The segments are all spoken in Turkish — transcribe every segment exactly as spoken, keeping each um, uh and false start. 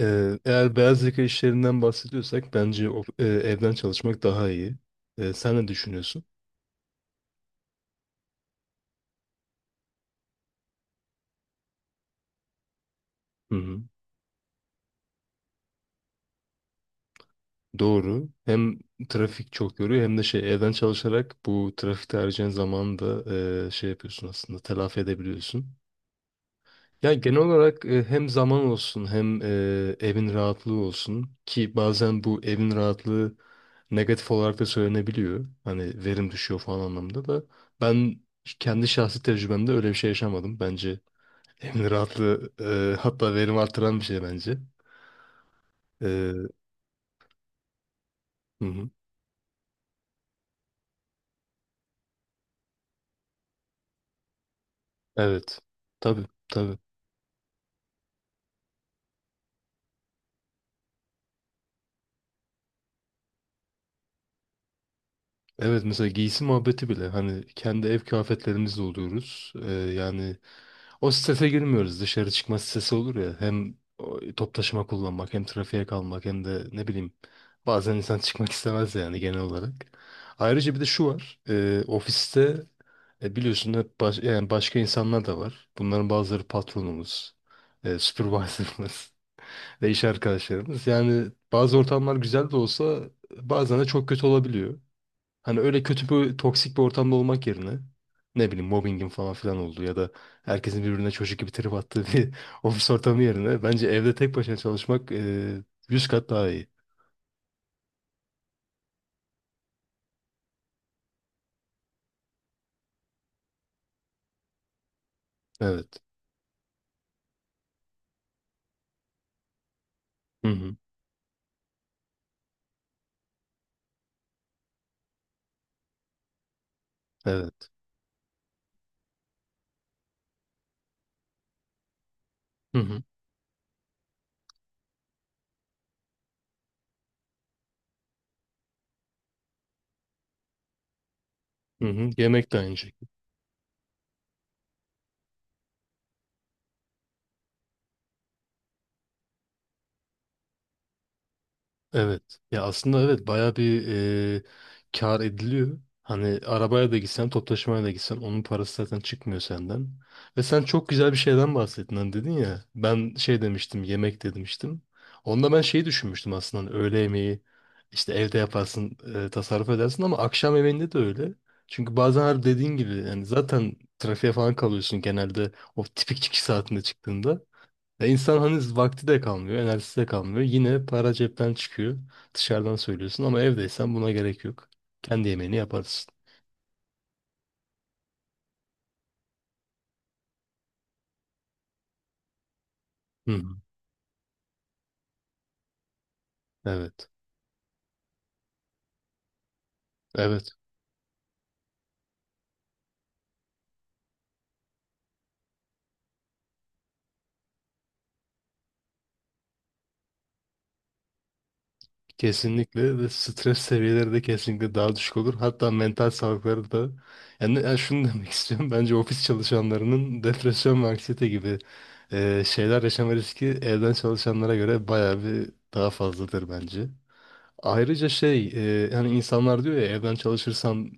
Ee, eğer beyaz yaka işlerinden bahsediyorsak bence o, e, evden çalışmak daha iyi. Ee, sen ne düşünüyorsun? Hı hı. Doğru. Hem trafik çok yoruyor hem de şey evden çalışarak bu trafikte harcayan zamanı da e, şey yapıyorsun, aslında telafi edebiliyorsun. Ya genel olarak e, hem zaman olsun hem e, evin rahatlığı olsun, ki bazen bu evin rahatlığı negatif olarak da söylenebiliyor. Hani verim düşüyor falan anlamında da ben kendi şahsi tecrübemde öyle bir şey yaşamadım. Bence yani rahatlığı e, hatta verim artıran bir şey bence. E, hı hı. Evet. Tabii tabii. Evet, mesela giysi muhabbeti bile hani kendi ev kıyafetlerimizle oluyoruz. E, yani o strese girmiyoruz. Dışarı çıkma stresi olur ya. Hem o top taşıma kullanmak hem trafiğe kalmak hem de ne bileyim bazen insan çıkmak istemez yani genel olarak. Ayrıca bir de şu var. E, ofiste e, biliyorsun hep baş- yani başka insanlar da var. Bunların bazıları patronumuz, e, supervisor'ımız ve iş arkadaşlarımız. Yani bazı ortamlar güzel de olsa bazen de çok kötü olabiliyor. Hani öyle kötü bir toksik bir ortamda olmak yerine, ne bileyim, mobbingin falan filan olduğu ya da herkesin birbirine çocuk gibi trip attığı bir ofis ortamı yerine bence evde tek başına çalışmak e, yüz kat daha iyi. Evet. Hı hı. Evet. Hı hı. Hı hı. Yemek de aynı şekilde. Evet. Ya aslında evet, bayağı bir e, kar ediliyor. Hani arabaya da gitsen, toplu taşımaya da gitsen onun parası zaten çıkmıyor senden. Ve sen çok güzel bir şeyden bahsettin, hani dedin ya. Ben şey demiştim, yemek de demiştim. Onda ben şeyi düşünmüştüm aslında, hani öğle yemeği işte evde yaparsın, e, tasarruf edersin, ama akşam yemeğinde de öyle. Çünkü bazen her dediğin gibi yani zaten trafiğe falan kalıyorsun genelde, o tipik çıkış saatinde çıktığında. Ya insan hani vakti de kalmıyor, enerjisi de kalmıyor. Yine para cepten çıkıyor. Dışarıdan söylüyorsun ama evdeysen buna gerek yok. Kendi yemeğini yaparsın. Hı hı. Evet. Evet. Kesinlikle ve stres seviyeleri de kesinlikle daha düşük olur. Hatta mental sağlıkları da yani, yani şunu demek istiyorum. Bence ofis çalışanlarının depresyon ve anksiyete gibi e, şeyler yaşama riski evden çalışanlara göre bayağı bir daha fazladır bence. Ayrıca şey e, hani insanlar diyor ya, evden çalışırsan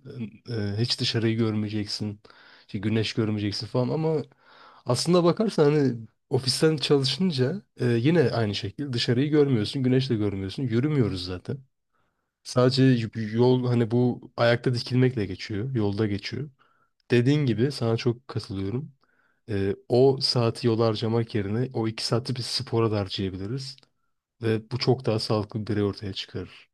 e, hiç dışarıyı görmeyeceksin, işte güneş görmeyeceksin falan. Ama aslında bakarsan hani ofisten çalışınca e, yine aynı şekilde dışarıyı görmüyorsun, güneş de görmüyorsun. Yürümüyoruz zaten. Sadece y- yol, hani bu ayakta dikilmekle geçiyor, yolda geçiyor. Dediğin gibi sana çok katılıyorum. E, o saati yola harcamak yerine o iki saati bir spora da harcayabiliriz ve bu çok daha sağlıklı bir birey ortaya çıkarır.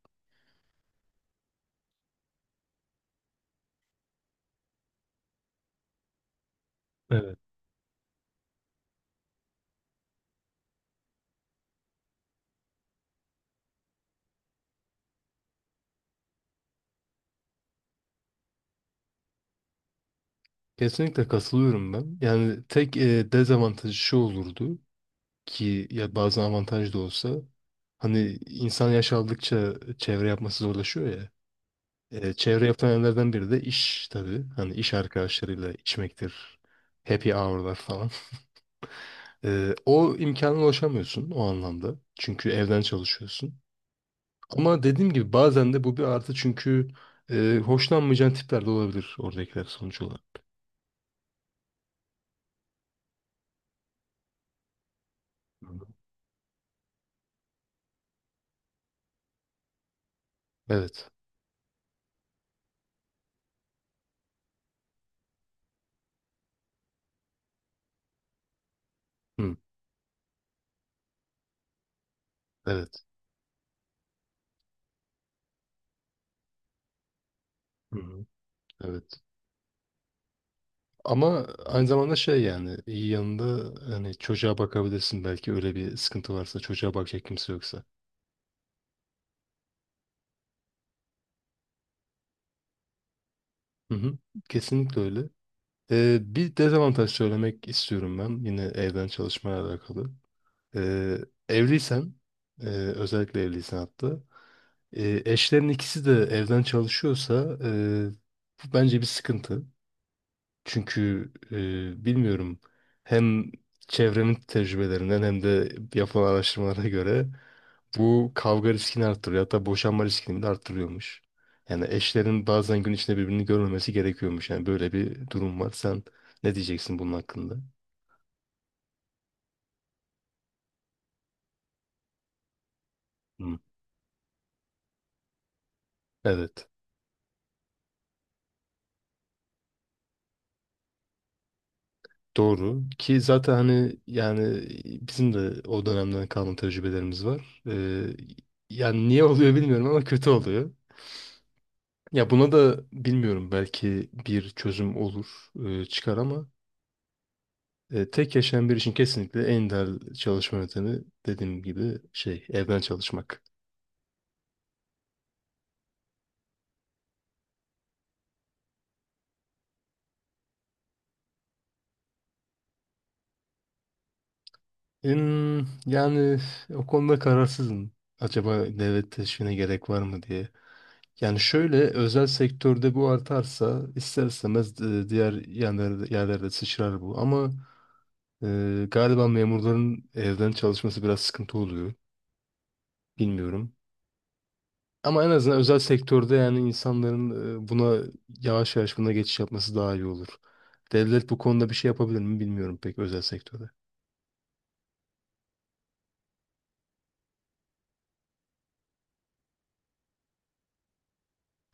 Kesinlikle katılıyorum ben. Yani tek e, dezavantajı şu olurdu ki, ya bazen avantaj da olsa, hani insan yaş aldıkça çevre yapması zorlaşıyor ya. E, çevre yapan yerlerden biri de iş tabii. Hani iş arkadaşlarıyla içmektir. Happy hour'lar falan. E, o imkana ulaşamıyorsun o anlamda. Çünkü evden çalışıyorsun. Ama dediğim gibi bazen de bu bir artı, çünkü e, hoşlanmayacağın tipler de olabilir oradakiler sonuç olarak. Evet. Hı, evet. Hı. Evet. Ama aynı zamanda şey, yani iyi yanında hani çocuğa bakabilirsin belki, öyle bir sıkıntı varsa, çocuğa bakacak kimse yoksa. Hı hı. Kesinlikle öyle. Ee, bir dezavantaj söylemek istiyorum ben yine evden çalışmaya alakalı. Ee, Evliysen e, özellikle evliysen hatta, e, eşlerin ikisi de evden çalışıyorsa, e, bu bence bir sıkıntı. Çünkü e, bilmiyorum, hem çevremin tecrübelerinden hem de yapılan araştırmalara göre bu kavga riskini arttırıyor. Hatta boşanma riskini de arttırıyormuş. Yani eşlerin bazen gün içinde birbirini görmemesi gerekiyormuş. Yani böyle bir durum var. Sen ne diyeceksin bunun hakkında? Hı. Evet. Doğru. Ki zaten hani yani bizim de o dönemden kalan tecrübelerimiz var. Ee, yani niye oluyor bilmiyorum ama kötü oluyor. Ya buna da bilmiyorum, belki bir çözüm olur, e, çıkar, ama e, tek yaşayan bir için kesinlikle en değerli çalışma yöntemi dediğim gibi şey evden çalışmak. Hmm, yani o konuda kararsızım. Acaba devlet teşvine gerek var mı diye. Yani şöyle, özel sektörde bu artarsa ister istemez e, diğer yerlerde, yerlerde sıçrar bu. Ama e, galiba memurların evden çalışması biraz sıkıntı oluyor. Bilmiyorum. Ama en azından özel sektörde yani insanların e, buna yavaş yavaş buna geçiş yapması daha iyi olur. Devlet bu konuda bir şey yapabilir mi bilmiyorum pek, özel sektörde.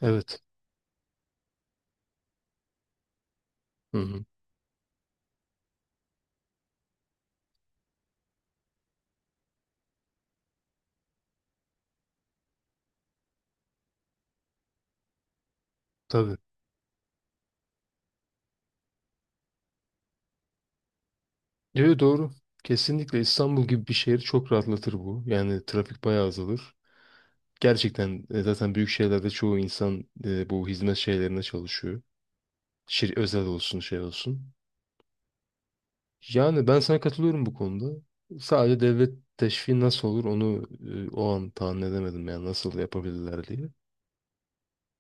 Evet. Hı hı. Tabii. Evet, doğru. Kesinlikle İstanbul gibi bir şehir çok rahatlatır bu. Yani trafik bayağı azalır. Gerçekten e, zaten büyük şehirlerde çoğu insan e, bu hizmet şeylerine çalışıyor. Şir özel olsun şey olsun. Yani ben sana katılıyorum bu konuda. Sadece devlet teşviki nasıl olur onu e, o an tahmin edemedim yani nasıl yapabilirler diye.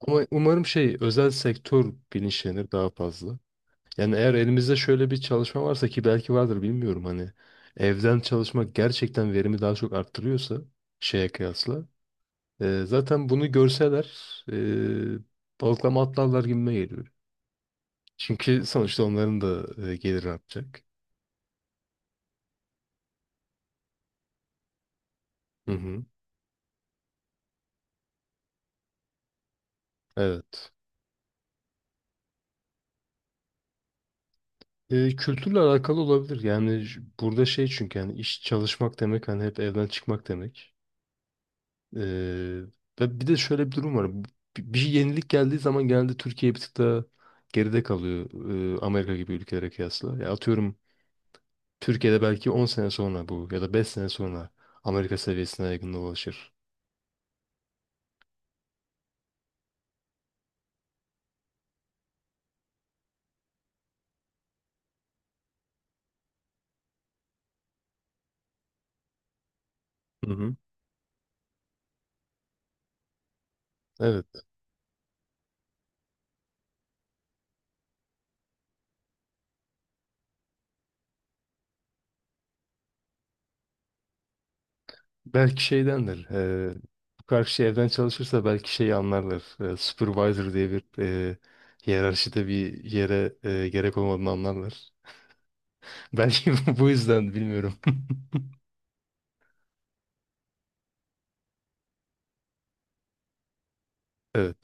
Ama umarım şey özel sektör bilinçlenir daha fazla. Yani eğer elimizde şöyle bir çalışma varsa, ki belki vardır bilmiyorum, hani evden çalışmak gerçekten verimi daha çok arttırıyorsa şeye kıyasla, e, zaten bunu görseler e, balıklama atlarlar gibime geliyor. Çünkü sonuçta onların da e, geliri artacak. Hı hı. Evet. E, kültürle alakalı olabilir. Yani j- burada şey, çünkü yani iş çalışmak demek hani hep evden çıkmak demek. Ee, Ve bir de şöyle bir durum var. Bir, bir yenilik geldiği zaman genelde Türkiye bir tık daha geride kalıyor e, Amerika gibi ülkelere kıyasla. Ya atıyorum Türkiye'de belki on sene sonra bu ya da beş sene sonra Amerika seviyesine yakında ulaşır. Hı hı. Evet. Belki şeydendir. E, bu karşı evden çalışırsa belki şeyi anlarlar. E, supervisor diye bir e, hiyerarşide bir yere e, gerek olmadığını anlarlar. Belki bu bu yüzden bilmiyorum. Evet.